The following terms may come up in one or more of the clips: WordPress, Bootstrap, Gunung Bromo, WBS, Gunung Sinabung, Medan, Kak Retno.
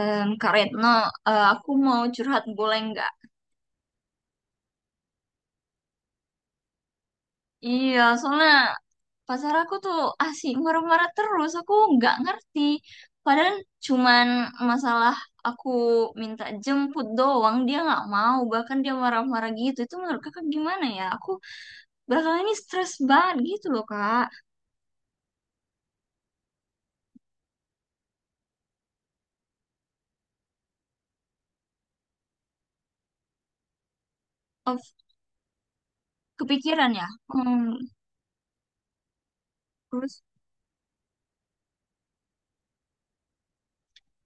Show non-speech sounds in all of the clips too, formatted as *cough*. Kak Retno, aku mau curhat boleh nggak? Iya, soalnya pacar aku tuh asik marah-marah terus. Aku nggak ngerti. Padahal cuman masalah aku minta jemput doang, dia nggak mau. Bahkan dia marah-marah gitu. Itu menurut kakak gimana ya? Aku belakangan ini stres banget gitu loh, Kak. Of, kepikiran ya. Hmm, terus,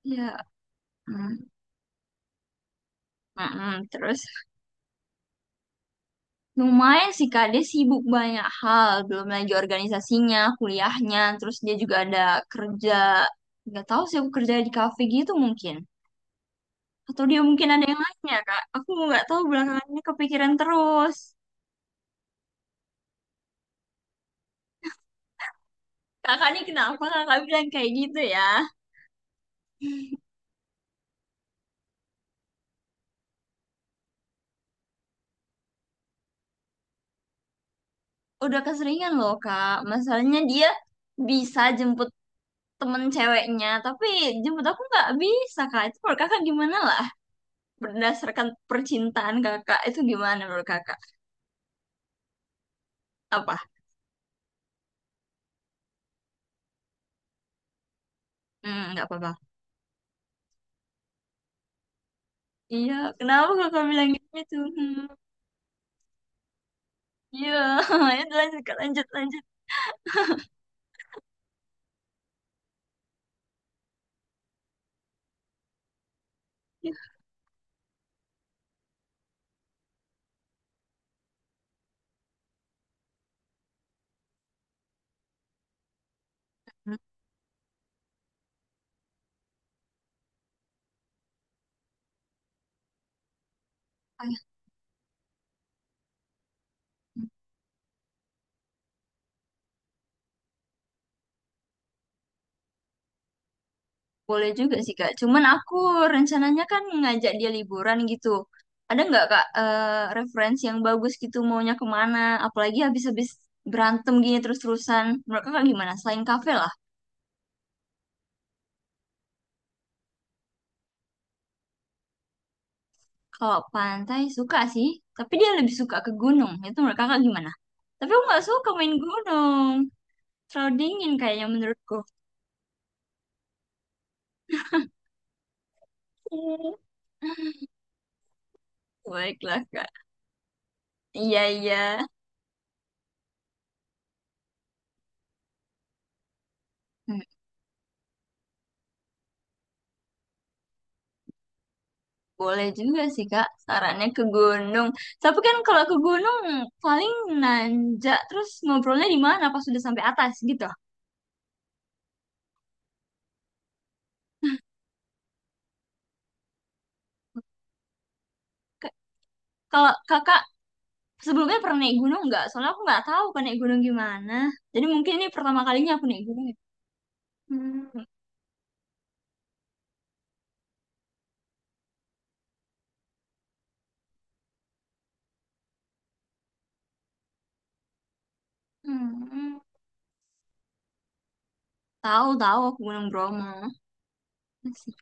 ya. Hmm, mm, mm, terus. Lumayan sih Kak, dia sibuk banyak hal, belum lagi organisasinya, kuliahnya, terus dia juga ada kerja, nggak tahu sih aku kerja di kafe gitu mungkin. Atau dia mungkin ada yang lainnya Kak, aku nggak tahu belakangannya kepikiran terus. Kakak ini kenapa kakak bilang kayak gitu ya? Udah keseringan loh Kak, masalahnya dia bisa jemput temen ceweknya, tapi jemput aku nggak bisa Kak. Itu menurut kakak gimana lah? Berdasarkan percintaan kakak, itu gimana menurut kakak? Apa? Hmm, nggak apa-apa. Iya, kenapa kakak bilang gitu? Hmm, iya, *laughs* ya lanjut kak, lanjut, lanjut. Iya. Hmm, ayah. Boleh juga sih kak, cuman aku rencananya kan ngajak dia liburan gitu. Ada nggak kak referensi yang bagus gitu maunya kemana? Apalagi habis-habis berantem gini terus-terusan. Menurut kakak gimana? Selain kafe lah. Kalau pantai suka sih, tapi dia lebih suka ke gunung. Itu menurut kakak gimana? Tapi aku nggak suka main gunung. Terlalu dingin kayaknya menurutku. *laughs* Baiklah kak. Iya, iya. Hmm. Boleh juga sih, Kak. Sarannya ke gunung. Tapi kan kalau ke gunung paling nanjak terus ngobrolnya di mana pas sudah sampai atas gitu. K- Kalau Kakak sebelumnya pernah naik gunung nggak? Soalnya aku nggak tahu kan naik gunung gimana. Jadi mungkin ini pertama kalinya aku naik gunung. Hmm, hmm. Tahu, tahu aku Gunung Bromo. Masih.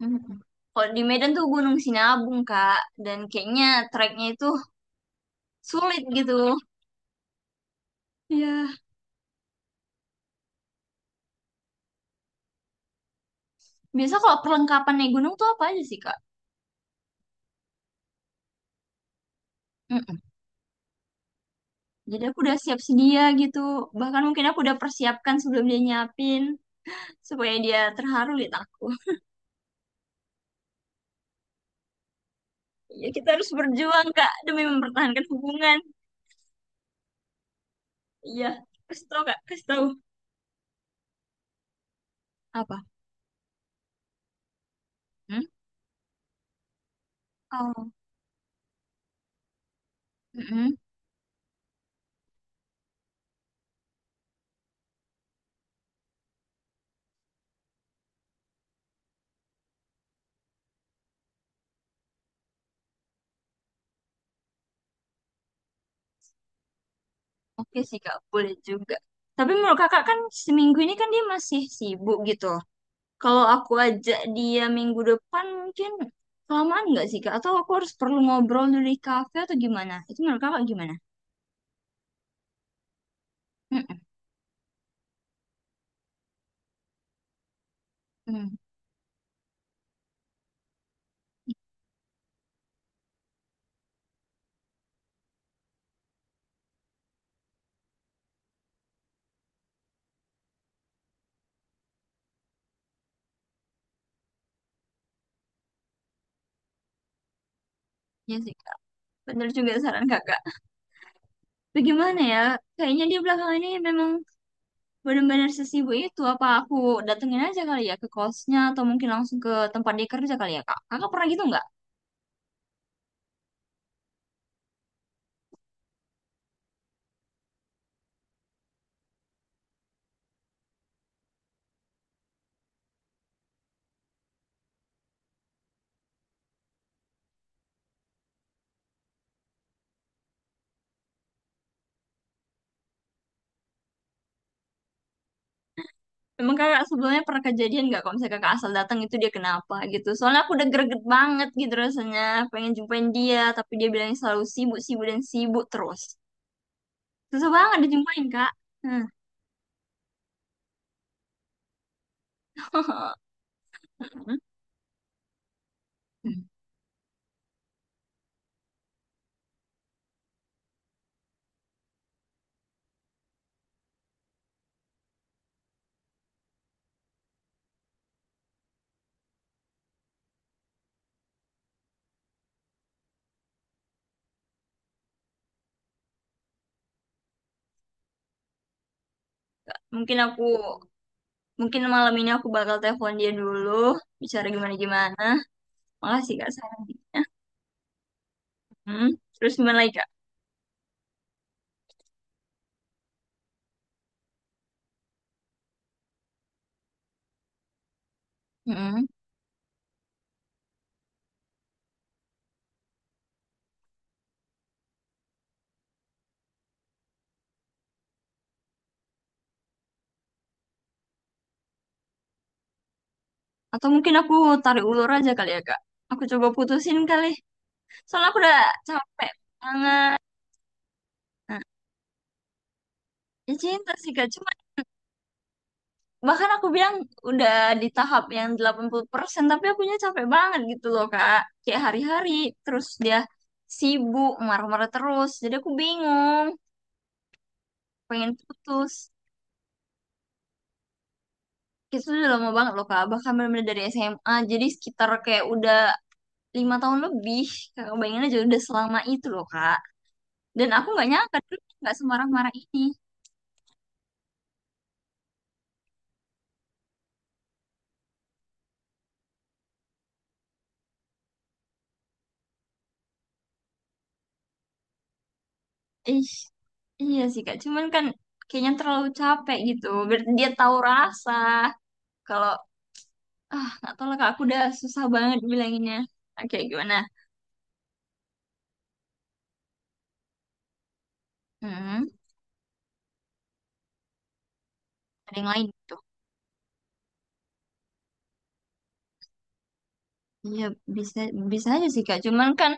Hmm. Kalau di Medan tuh Gunung Sinabung, Kak. Dan kayaknya treknya itu sulit gitu. Iya. Biasa kalau perlengkapan naik gunung tuh apa aja sih, Kak? Mm-mm. Jadi aku udah siap sedia gitu. Bahkan mungkin aku udah persiapkan sebelum dia nyiapin supaya dia terharu lihat aku. *laughs* Ya kita harus berjuang, Kak, demi mempertahankan hubungan. Iya. Kasih tau, Kak. Kasih tau. Apa? Hmm? Oh. Mm-mm. Oke sih, Kak. Boleh juga. Tapi menurut Kakak kan seminggu ini kan dia masih sibuk gitu. Kalau aku ajak dia minggu depan mungkin kelamaan nggak sih Kak? Atau aku harus perlu ngobrol dulu di kafe atau gimana? Itu menurut Kakak gimana? Mm-mm. Hmm, ya sih Kak. Bener juga saran Kakak. Tapi gimana ya? Kayaknya dia belakangan ini memang benar-benar sesibuk itu. Apa aku datengin aja kali ya ke kosnya atau mungkin langsung ke tempat dia kerja kali ya Kak? Kakak pernah gitu nggak? Emang kakak sebelumnya pernah kejadian nggak kalau misalnya kakak asal datang itu dia kenapa gitu? Soalnya aku udah greget banget gitu rasanya, pengen jumpain dia, tapi dia bilang selalu sibuk, sibuk dan sibuk terus. Susah banget dijumpain kak. Hmm. *laughs* Mungkin aku, mungkin malam ini aku bakal telepon dia dulu, bicara gimana-gimana. Makasih kak sarannya. Hmm. Terus gimana lagi kak? Hmm. Atau mungkin aku tarik ulur aja kali ya kak. Aku coba putusin kali. Soalnya aku udah capek banget. Nah, ya cinta sih kak, cuma bahkan aku bilang udah di tahap yang 80% tapi akunya capek banget gitu loh Kak. Kayak hari-hari terus dia sibuk marah-marah terus. Jadi aku bingung, pengen putus. Itu udah lama banget loh Kak, bahkan benar-benar dari SMA. Jadi sekitar kayak udah 5 tahun lebih. Kakak bayangin aja udah selama itu loh Kak. Dan aku nggak nyangka dulu nggak semarah-marah ini. Ih, iya sih Kak. Cuman kan kayaknya terlalu capek gitu. Biar dia tahu rasa kalau Ah, nggak tahu lah kak, aku udah susah banget bilanginnya. Oke, gimana? Hmm, ada yang lain tuh. Iya, bisa bisa aja sih kak. Cuman kan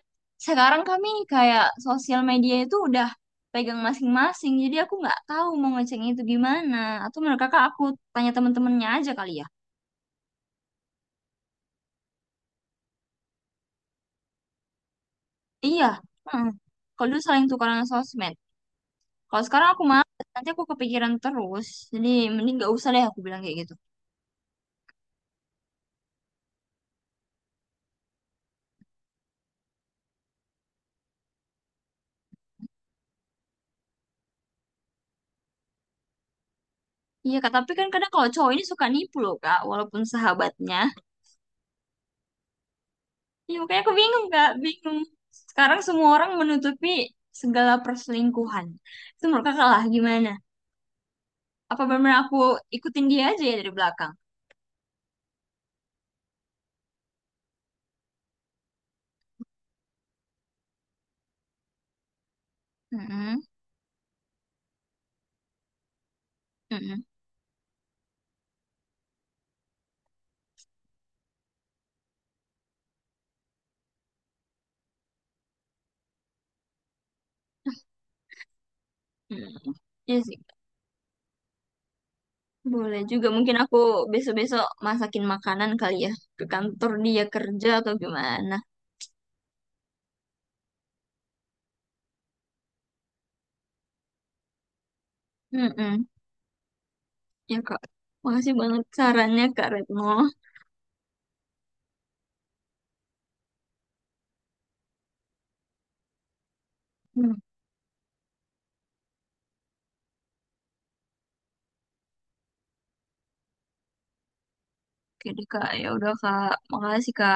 sekarang kami kayak sosial media itu udah pegang masing-masing. Jadi aku nggak tahu mau ngeceknya itu gimana. Atau menurut kakak aku tanya temen-temennya aja kali ya. Iya. Heeh. Kalau dulu saling tukaran sosmed. Kalau sekarang aku malas, nanti aku kepikiran terus. Jadi mending nggak usah deh aku bilang kayak gitu. Iya kak, tapi kan kadang kalau cowok ini suka nipu loh kak, walaupun sahabatnya. Iya, makanya aku bingung, Kak. Bingung. Sekarang semua orang menutupi segala perselingkuhan. Itu menurut kakak lah, gimana? Apa benar aku ikutin dia aja ya dari belakang? Mm-mm, mm-mm, mm-mm. Iya sih. Boleh juga. Mungkin aku besok-besok masakin makanan kali ya. Ke kantor dia kerja atau gimana. Mm-mm. Ya, Kak. Makasih banget sarannya, Kak Retno. Hmm. Oke deh, Kak. Ya udah, Kak. Makasih, Kak.